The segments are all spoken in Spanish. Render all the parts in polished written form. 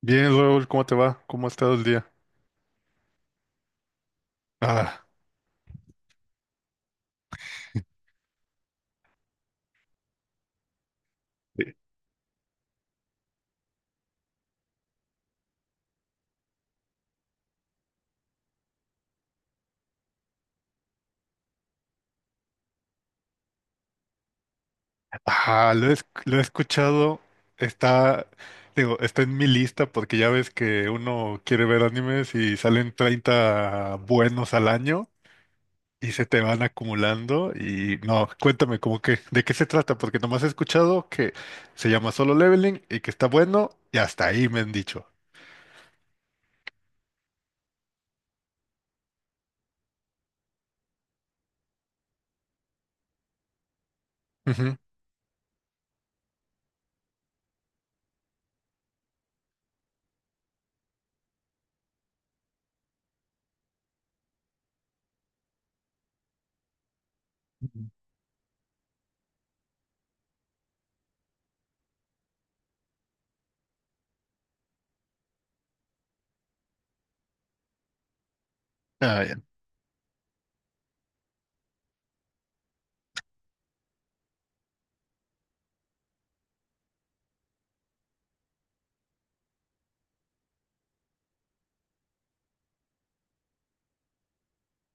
Bien, Raúl, ¿cómo te va? ¿Cómo ha estado el día? Ah, sí. Ah, lo he escuchado, está, digo, está en mi lista porque ya ves que uno quiere ver animes y salen 30 buenos al año y se te van acumulando y no, cuéntame, cómo que, ¿de qué se trata? Porque nomás he escuchado que se llama Solo Leveling y que está bueno y hasta ahí me han dicho. Ujú. Ah, ya.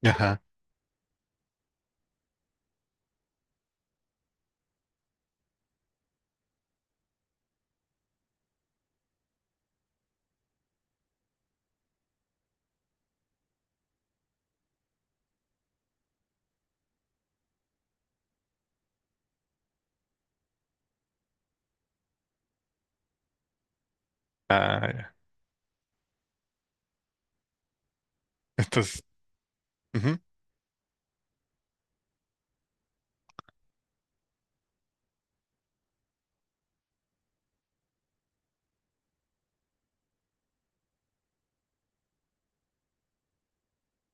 Ajá. Ah, ya. Entonces.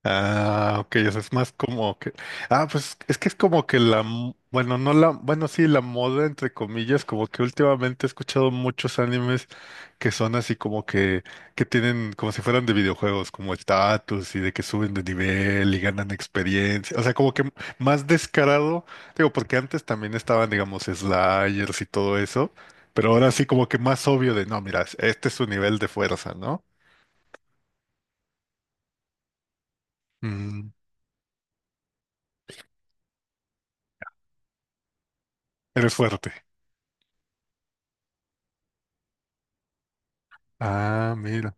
Ah, ok, o sea, es más como que. Ah, pues es que es como que la, bueno, no la, bueno, sí, la moda, entre comillas, como que últimamente he escuchado muchos animes que son así como que tienen como si fueran de videojuegos, como estatus y de que suben de nivel y ganan experiencia. O sea, como que más descarado, digo, porque antes también estaban, digamos, sliders y todo eso, pero ahora sí como que más obvio de, no, mira, este es su nivel de fuerza, ¿no? Mm, eres fuerte. Ah, mira.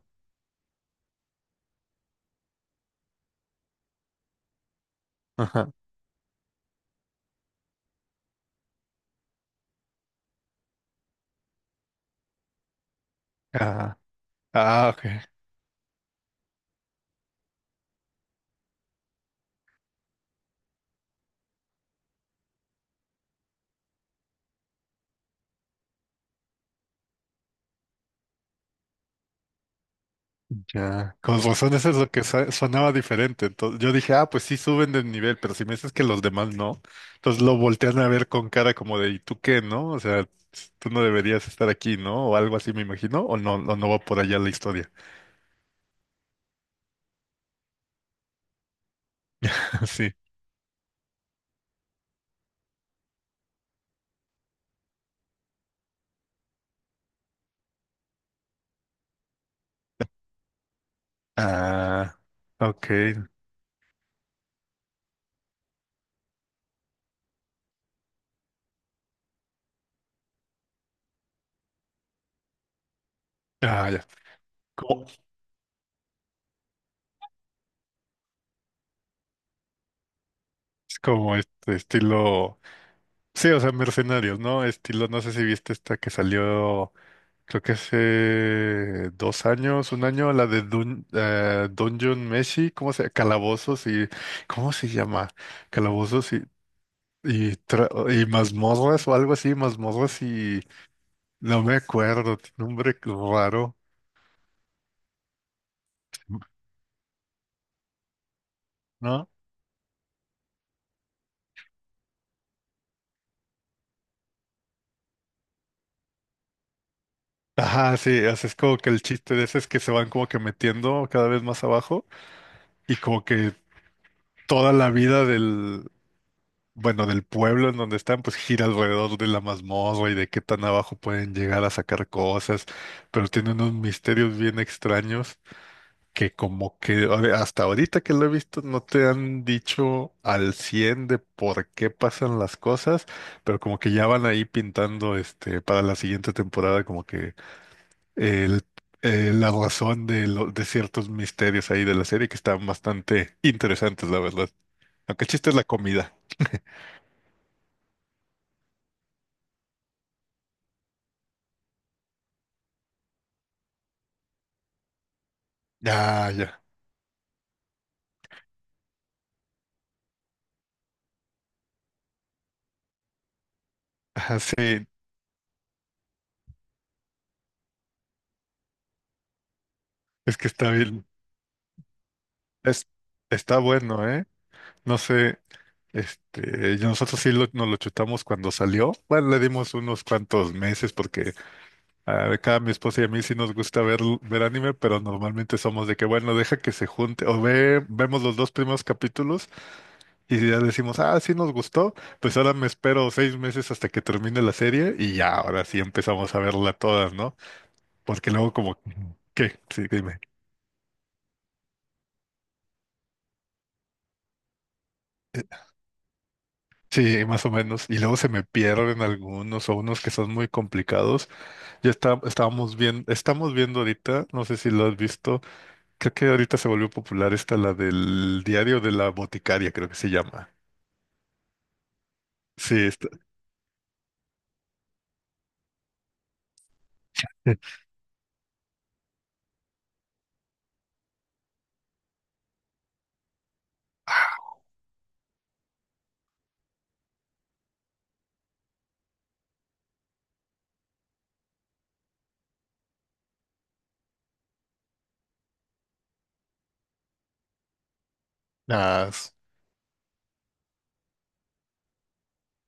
Ajá. Ah, ah, ok. Ya. Con razón, eso es lo que sonaba diferente. Entonces, yo dije, ah, pues sí suben de nivel, pero si me dices que los demás no, entonces lo voltean a ver con cara como de, ¿y tú qué, no? O sea, tú no deberías estar aquí, ¿no? O algo así, me imagino, o no va por allá la historia. Sí. Ah, ok. Ah, ya. Como, es como este estilo. Sí, o sea, mercenarios, ¿no? Estilo, no sé si viste esta que salió. Creo que hace 2 años, un año, la de Dungeon Meshi, ¿cómo se Calabozos y? ¿Cómo se llama? Calabozos y mazmorras o algo así, mazmorras y. No me acuerdo, tiene un nombre raro, ¿no? Ajá, sí, o sea, es como que el chiste de ese es que se van como que metiendo cada vez más abajo y como que toda la vida del, bueno, del pueblo en donde están, pues gira alrededor de la mazmorra y de qué tan abajo pueden llegar a sacar cosas, pero tiene unos misterios bien extraños que como que a ver, hasta ahorita que lo he visto no te han dicho al 100 de por qué pasan las cosas, pero como que ya van ahí pintando este para la siguiente temporada como que el, la razón de, de ciertos misterios ahí de la serie que están bastante interesantes, la verdad. Aunque el chiste es la comida. Ya, ya. Ajá, sí, es que está bien, es, está bueno, ¿eh? No sé, este, y nosotros sí nos lo chutamos cuando salió. Bueno, le dimos unos cuantos meses porque a cada mi esposa y a mí sí nos gusta ver anime, pero normalmente somos de que, bueno, deja que se junte, o vemos los 2 primeros capítulos y ya decimos, ah, sí nos gustó, pues ahora me espero 6 meses hasta que termine la serie y ya, ahora sí empezamos a verla todas, ¿no? Porque luego como, ¿qué? Sí, dime. Sí, más o menos. Y luego se me pierden algunos o unos que son muy complicados. Ya está, estábamos viendo, estamos viendo ahorita, no sé si lo has visto, creo que ahorita se volvió popular esta, la del diario de la boticaria, creo que se llama. Sí, está. Ah,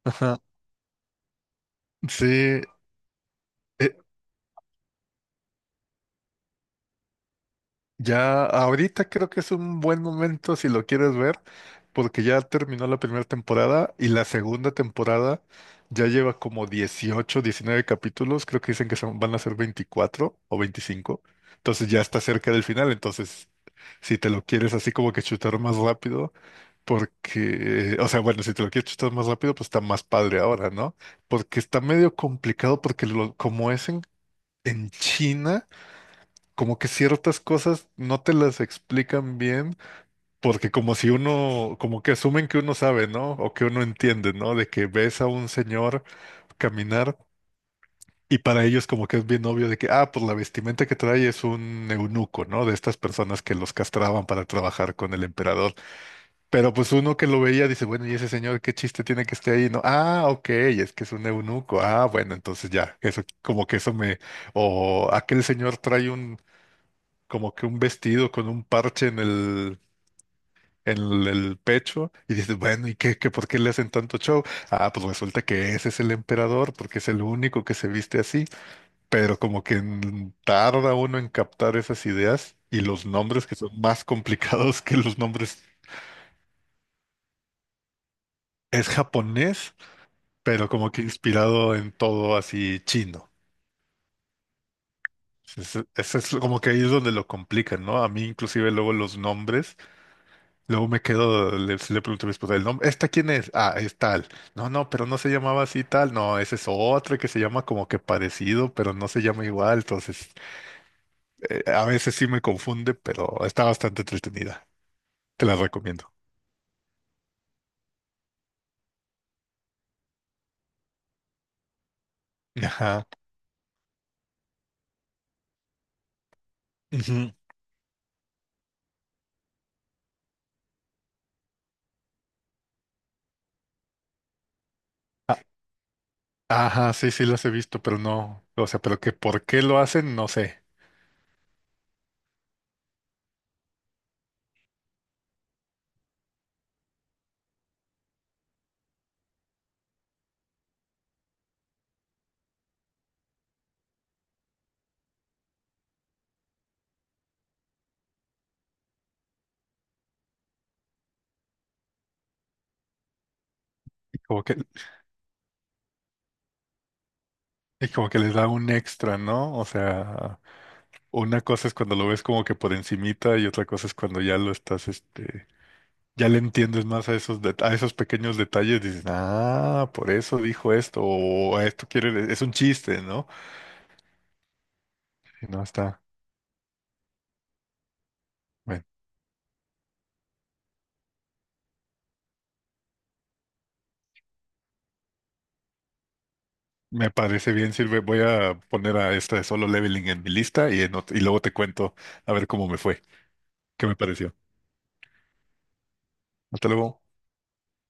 ajá. Sí, eh, ya ahorita creo que es un buen momento si lo quieres ver porque ya terminó la primera temporada y la segunda temporada ya lleva como 18 19 capítulos, creo que dicen que son, van a ser 24 o 25, entonces ya está cerca del final, entonces si te lo quieres así como que chutar más rápido, porque, o sea, bueno, si te lo quieres chutar más rápido, pues está más padre ahora, ¿no? Porque está medio complicado porque como es en, China, como que ciertas cosas no te las explican bien porque como si uno, como que asumen que uno sabe, ¿no? O que uno entiende, ¿no? De que ves a un señor caminar y para ellos como que es bien obvio de que, ah, pues la vestimenta que trae es un eunuco, ¿no? De estas personas que los castraban para trabajar con el emperador. Pero pues uno que lo veía dice, bueno, ¿y ese señor qué chiste tiene que esté ahí? No, ah, ok, es que es un eunuco. Ah, bueno, entonces ya, eso como que eso me, o aquel señor trae un, como que un vestido con un parche en el pecho y dices, bueno, ¿y por qué le hacen tanto show? Ah, pues resulta que ese es el emperador porque es el único que se viste así, pero como que tarda uno en captar esas ideas y los nombres que son más complicados que los nombres. Es japonés, pero como que inspirado en todo así chino. Eso es como que ahí es donde lo complican, ¿no? A mí inclusive luego los nombres. Luego me quedo, le pregunto a mi esposa el nombre, ¿esta quién es? Ah, es tal. No, no, pero no se llamaba así tal. No, ese es otro que se llama como que parecido, pero no se llama igual. Entonces, a veces sí me confunde, pero está bastante entretenida. Te la recomiendo. Ajá. Ujú. A- Ajá, sí, sí las he visto, pero no. O sea, pero que por qué lo hacen, no sé. Como que, y como que les da un extra, ¿no? O sea, una cosa es cuando lo ves como que por encimita y otra cosa es cuando ya lo estás, este. Ya le entiendes más a esos, a esos pequeños detalles, dices, ah, por eso dijo esto, o "A esto quiere, es un chiste, ¿no? Y no está, bueno, me parece bien, sirve, voy a poner a esta de Solo Leveling en mi lista y, en y luego te cuento a ver cómo me fue, qué me pareció. Hasta luego.